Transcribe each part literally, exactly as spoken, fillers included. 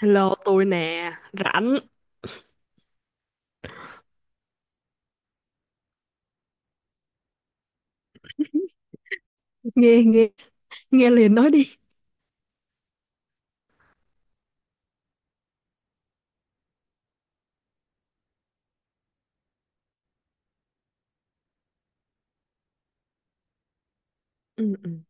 Hello, tôi nè, rảnh, nghe nghe nghe liền nói đi. Ừ, ừ,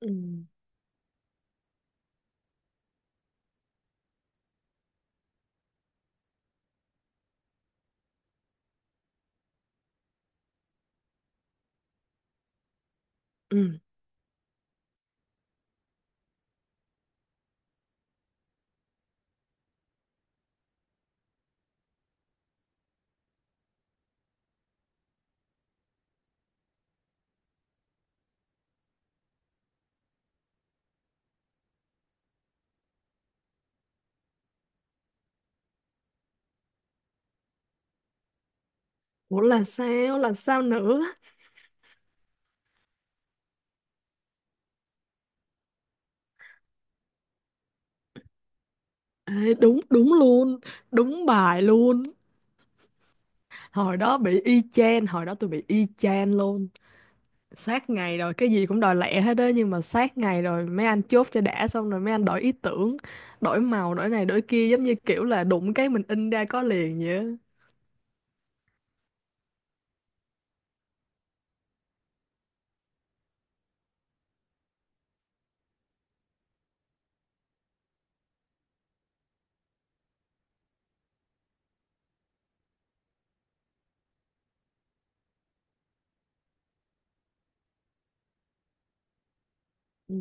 ừ, ừ. Ủa là sao, là sao nữa? Ê, đúng, đúng luôn, đúng bài luôn. Hồi đó bị y chang, hồi đó tôi bị y chang luôn. Sát ngày rồi, cái gì cũng đòi lẹ hết á, nhưng mà sát ngày rồi mấy anh chốt cho đã xong rồi mấy anh đổi ý tưởng, đổi màu, đổi này, đổi kia, giống như kiểu là đụng cái mình in ra có liền vậy á. Ừ.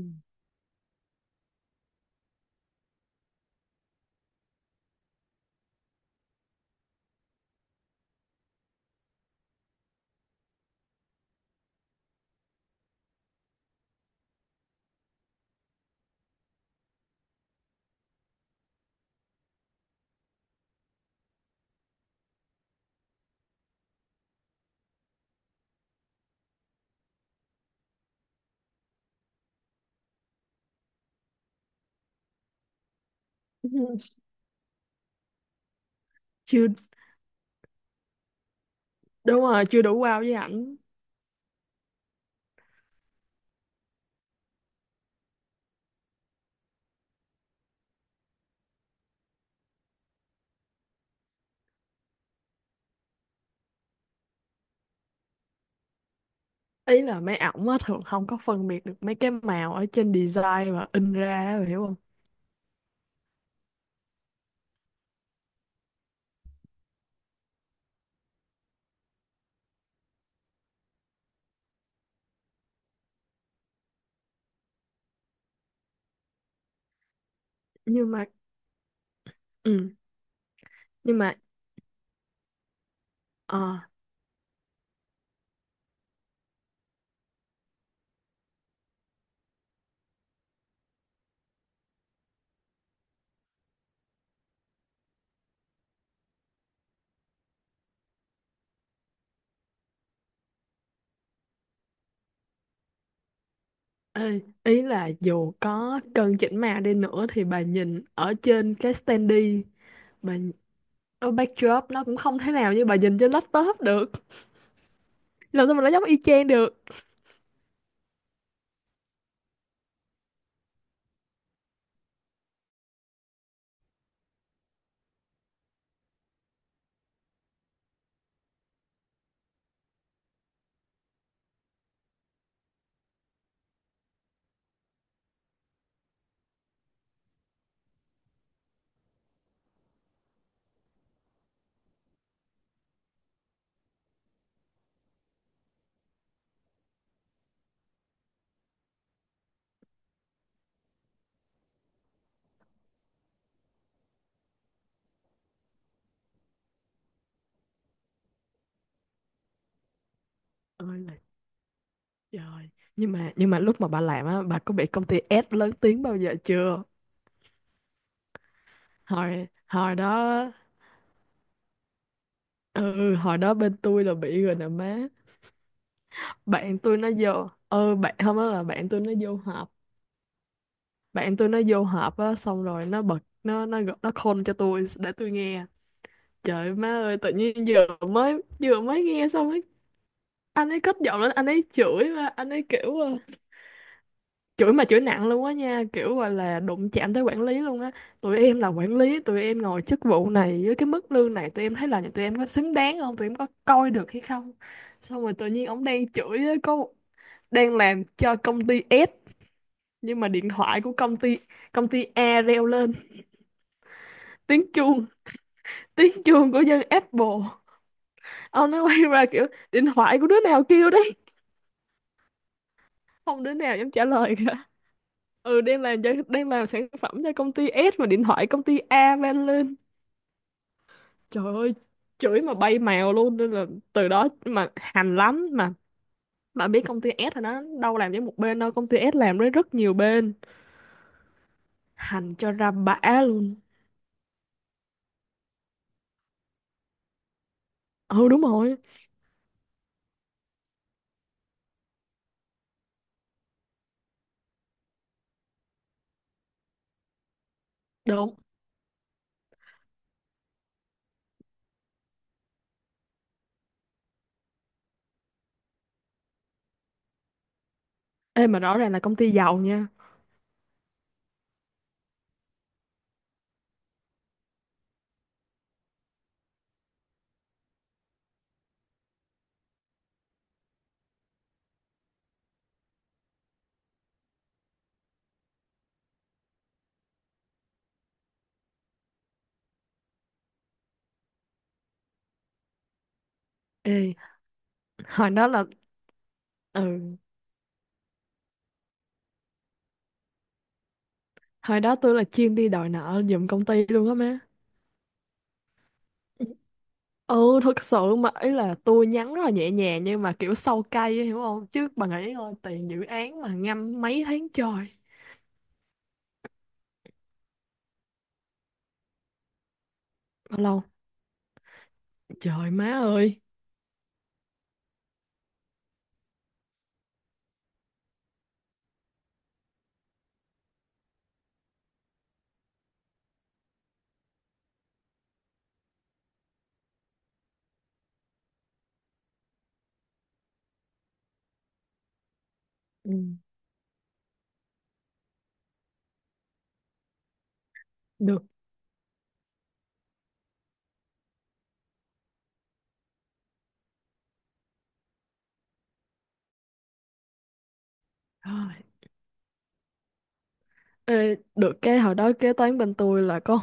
Chưa, đúng rồi, chưa đủ wow với ảnh. Ý là mấy ổng á thường không có phân biệt được mấy cái màu ở trên design và in ra á, bà hiểu không? Nhưng mà ừ, nhưng mà ờ, Ê, ý là dù có cân chỉnh màu đi nữa thì bà nhìn ở trên cái standee, bà nh- ở backdrop nó cũng không thể nào như bà nhìn trên laptop được, làm sao mà nó giống y chang được. Ơi là trời. Nhưng mà, nhưng mà lúc mà bà làm á, bà có bị công ty ép lớn tiếng bao giờ chưa? Hồi hồi đó. Ừ, hồi đó bên tôi là bị rồi nè má. Bạn tôi nó vô, ừ, bạn không, đó là bạn tôi nó vô họp. Bạn tôi nó vô họp á, xong rồi nó bật, nó nó gọi- nó call cho tôi để tôi nghe. Trời ơi, má ơi, tự nhiên vừa mới vừa mới nghe xong ấy. Anh ấy cất giọng lên, anh ấy chửi, mà anh ấy kiểu ờ, chửi mà chửi nặng luôn á nha, kiểu gọi là đụng chạm tới quản lý luôn á. Tụi em là quản lý, tụi em ngồi chức vụ này với cái mức lương này, tụi em thấy là tụi em có xứng đáng không, tụi em có coi được hay không? Xong rồi tự nhiên ổng đang chửi á, có một- đang làm cho công ty ét, nhưng mà điện thoại của công ty công ty A reo lên. Tiếng chuông, tiếng chuông của dân Apple. Ông nó quay ra kiểu: điện thoại của đứa nào kêu đấy? Không đứa nào dám trả lời cả. Ừ, đang làm cho đang làm sản phẩm cho công ty ét mà điện thoại công ty A vang lên. Trời ơi, chửi mà bay mèo luôn, nên là từ đó mà hành lắm. mà mà biết công ty ét thì nó đâu làm với một bên đâu, công ty ét làm với rất nhiều bên, hành cho ra bã luôn. Ừ, đúng rồi, đúng. Ê mà rõ ràng là công ty giàu nha. Ê, hồi đó là ừ hồi đó tôi là chuyên đi đòi nợ giùm công ty luôn á má. Ừ, thật sự mà ý là tôi nhắn rất là nhẹ nhàng nhưng mà kiểu sâu cay ấy, hiểu không, chứ bà nghĩ coi tiền dự án mà ngâm mấy tháng trời. Bao lâu? Trời má ơi. Ừ, được rồi. Ê, được cái hồi đó kế toán bên tôi là có,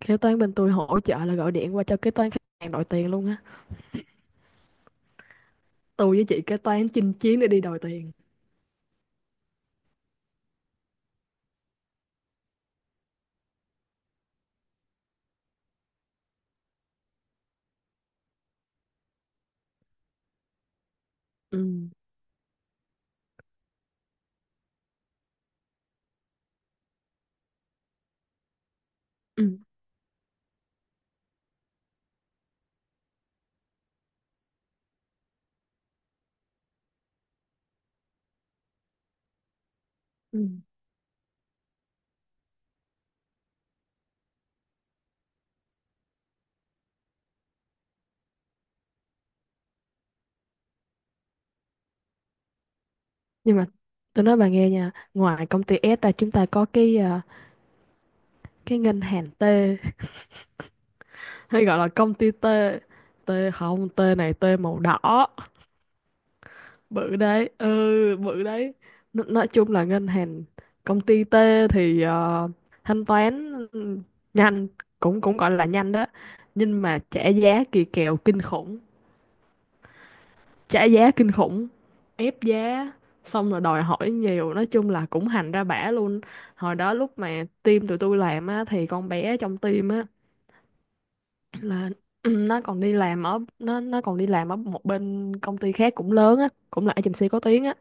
kế toán bên tôi hỗ trợ là gọi điện qua cho kế toán khách hàng đòi tiền luôn á. Tôi với chị kế toán chinh chiến để đi đòi tiền. Ừ, ừ, ừ, nhưng mà tôi nói bà nghe nha, ngoài công ty ét ra chúng ta có cái à, cái ngân hàng tê, hay gọi là công ty tê. tê không, T này T màu đỏ bự đấy, ừ, bự đấy. en, nói chung là ngân hàng, công ty T thì ờ, thanh toán, ừ, nhanh, cũng cũng gọi là nhanh đó, nhưng mà trả giá kỳ kèo kinh khủng, trả giá kinh khủng, ép giá xong rồi đòi hỏi nhiều, nói chung là cũng hành ra bả luôn. Hồi đó lúc mà team tụi tôi làm á thì con bé trong team á là nó còn đi làm ở nó nó còn đi làm ở một bên công ty khác cũng lớn á, cũng là agency có tiếng á.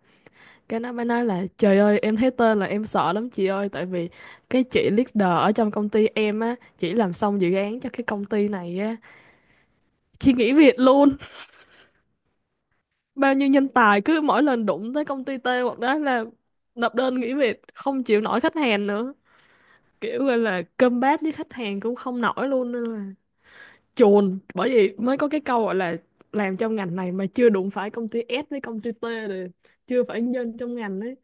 Cái nó mới nói là trời ơi em thấy tên là em sợ lắm chị ơi, tại vì cái chị leader ở trong công ty em á, chỉ làm xong dự án cho cái công ty này á, chị nghỉ việc luôn. Bao nhiêu nhân tài cứ mỗi lần đụng tới công ty T hoặc đó là nộp đơn nghỉ việc, không chịu nổi khách hàng nữa, kiểu gọi là combat với khách hàng cũng không nổi luôn, nên là chồn, bởi vì mới có cái câu gọi là làm trong ngành này mà chưa đụng phải công ty ét với công ty tê rồi chưa phải nhân trong ngành đấy.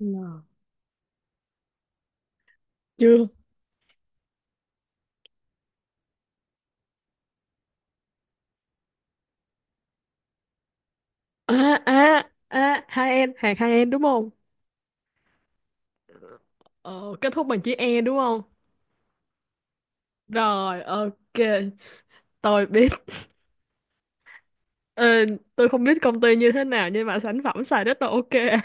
en. Chưa. À à à, hai em hàng hai em đúng không? Ờ, kết thúc bằng chữ E đúng không? Rồi, ok, tôi biết. Ờ, tôi không biết công ty như thế nào nhưng mà sản phẩm xài rất là ok.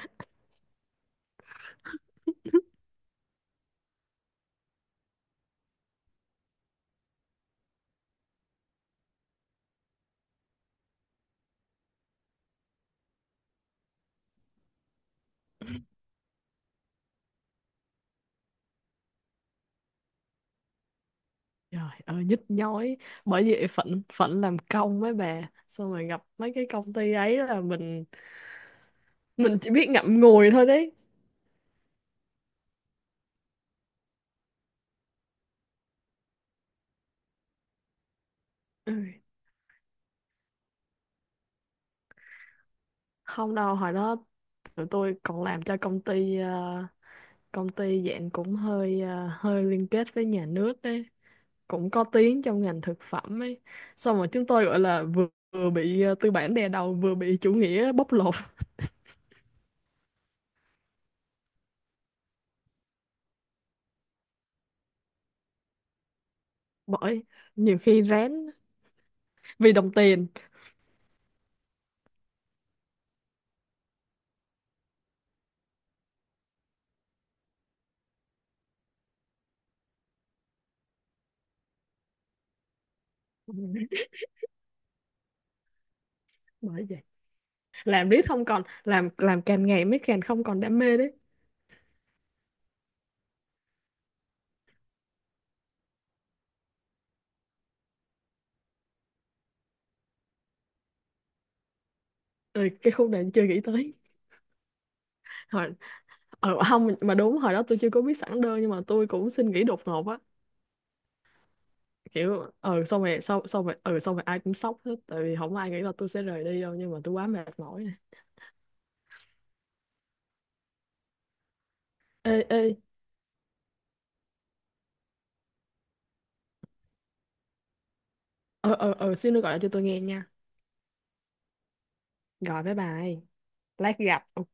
Trời ơi nhức nhối, bởi vì phận phận làm công mấy bà, xong rồi gặp mấy cái công ty ấy là mình mình chỉ biết ngậm ngùi thôi đấy. Ừ. Không đâu, hồi đó tụi tôi còn làm cho công ty ờ, công ty dạng cũng hơi ờ, hơi liên kết với nhà nước đấy, cũng có tiếng trong ngành thực phẩm ấy. Xong rồi chúng tôi gọi là vừa, vừa bị ờ, tư bản đè đầu, vừa bị chủ nghĩa bóc lột. Bởi nhiều khi rén vì đồng tiền. Bởi vậy làm riết không còn làm làm càng ngày mới càng không còn đam mê đấy. Ừ, cái khúc này chưa nghĩ tới. hồi ờ, không mà đúng, hồi đó tôi chưa có biết sẵn đơn nhưng mà tôi cũng xin nghỉ đột ngột á, kiểu ừ xong rồi sau xong rồi ừ xong rồi ai cũng sốc hết, tại vì không ai nghĩ là tôi sẽ rời đi đâu, nhưng mà tôi quá mệt mỏi. Ê, ê. Ờ, ờ, ờ, xin nó gọi lại cho tôi nghe nha, gọi với bà ấy, lát gặp, ok.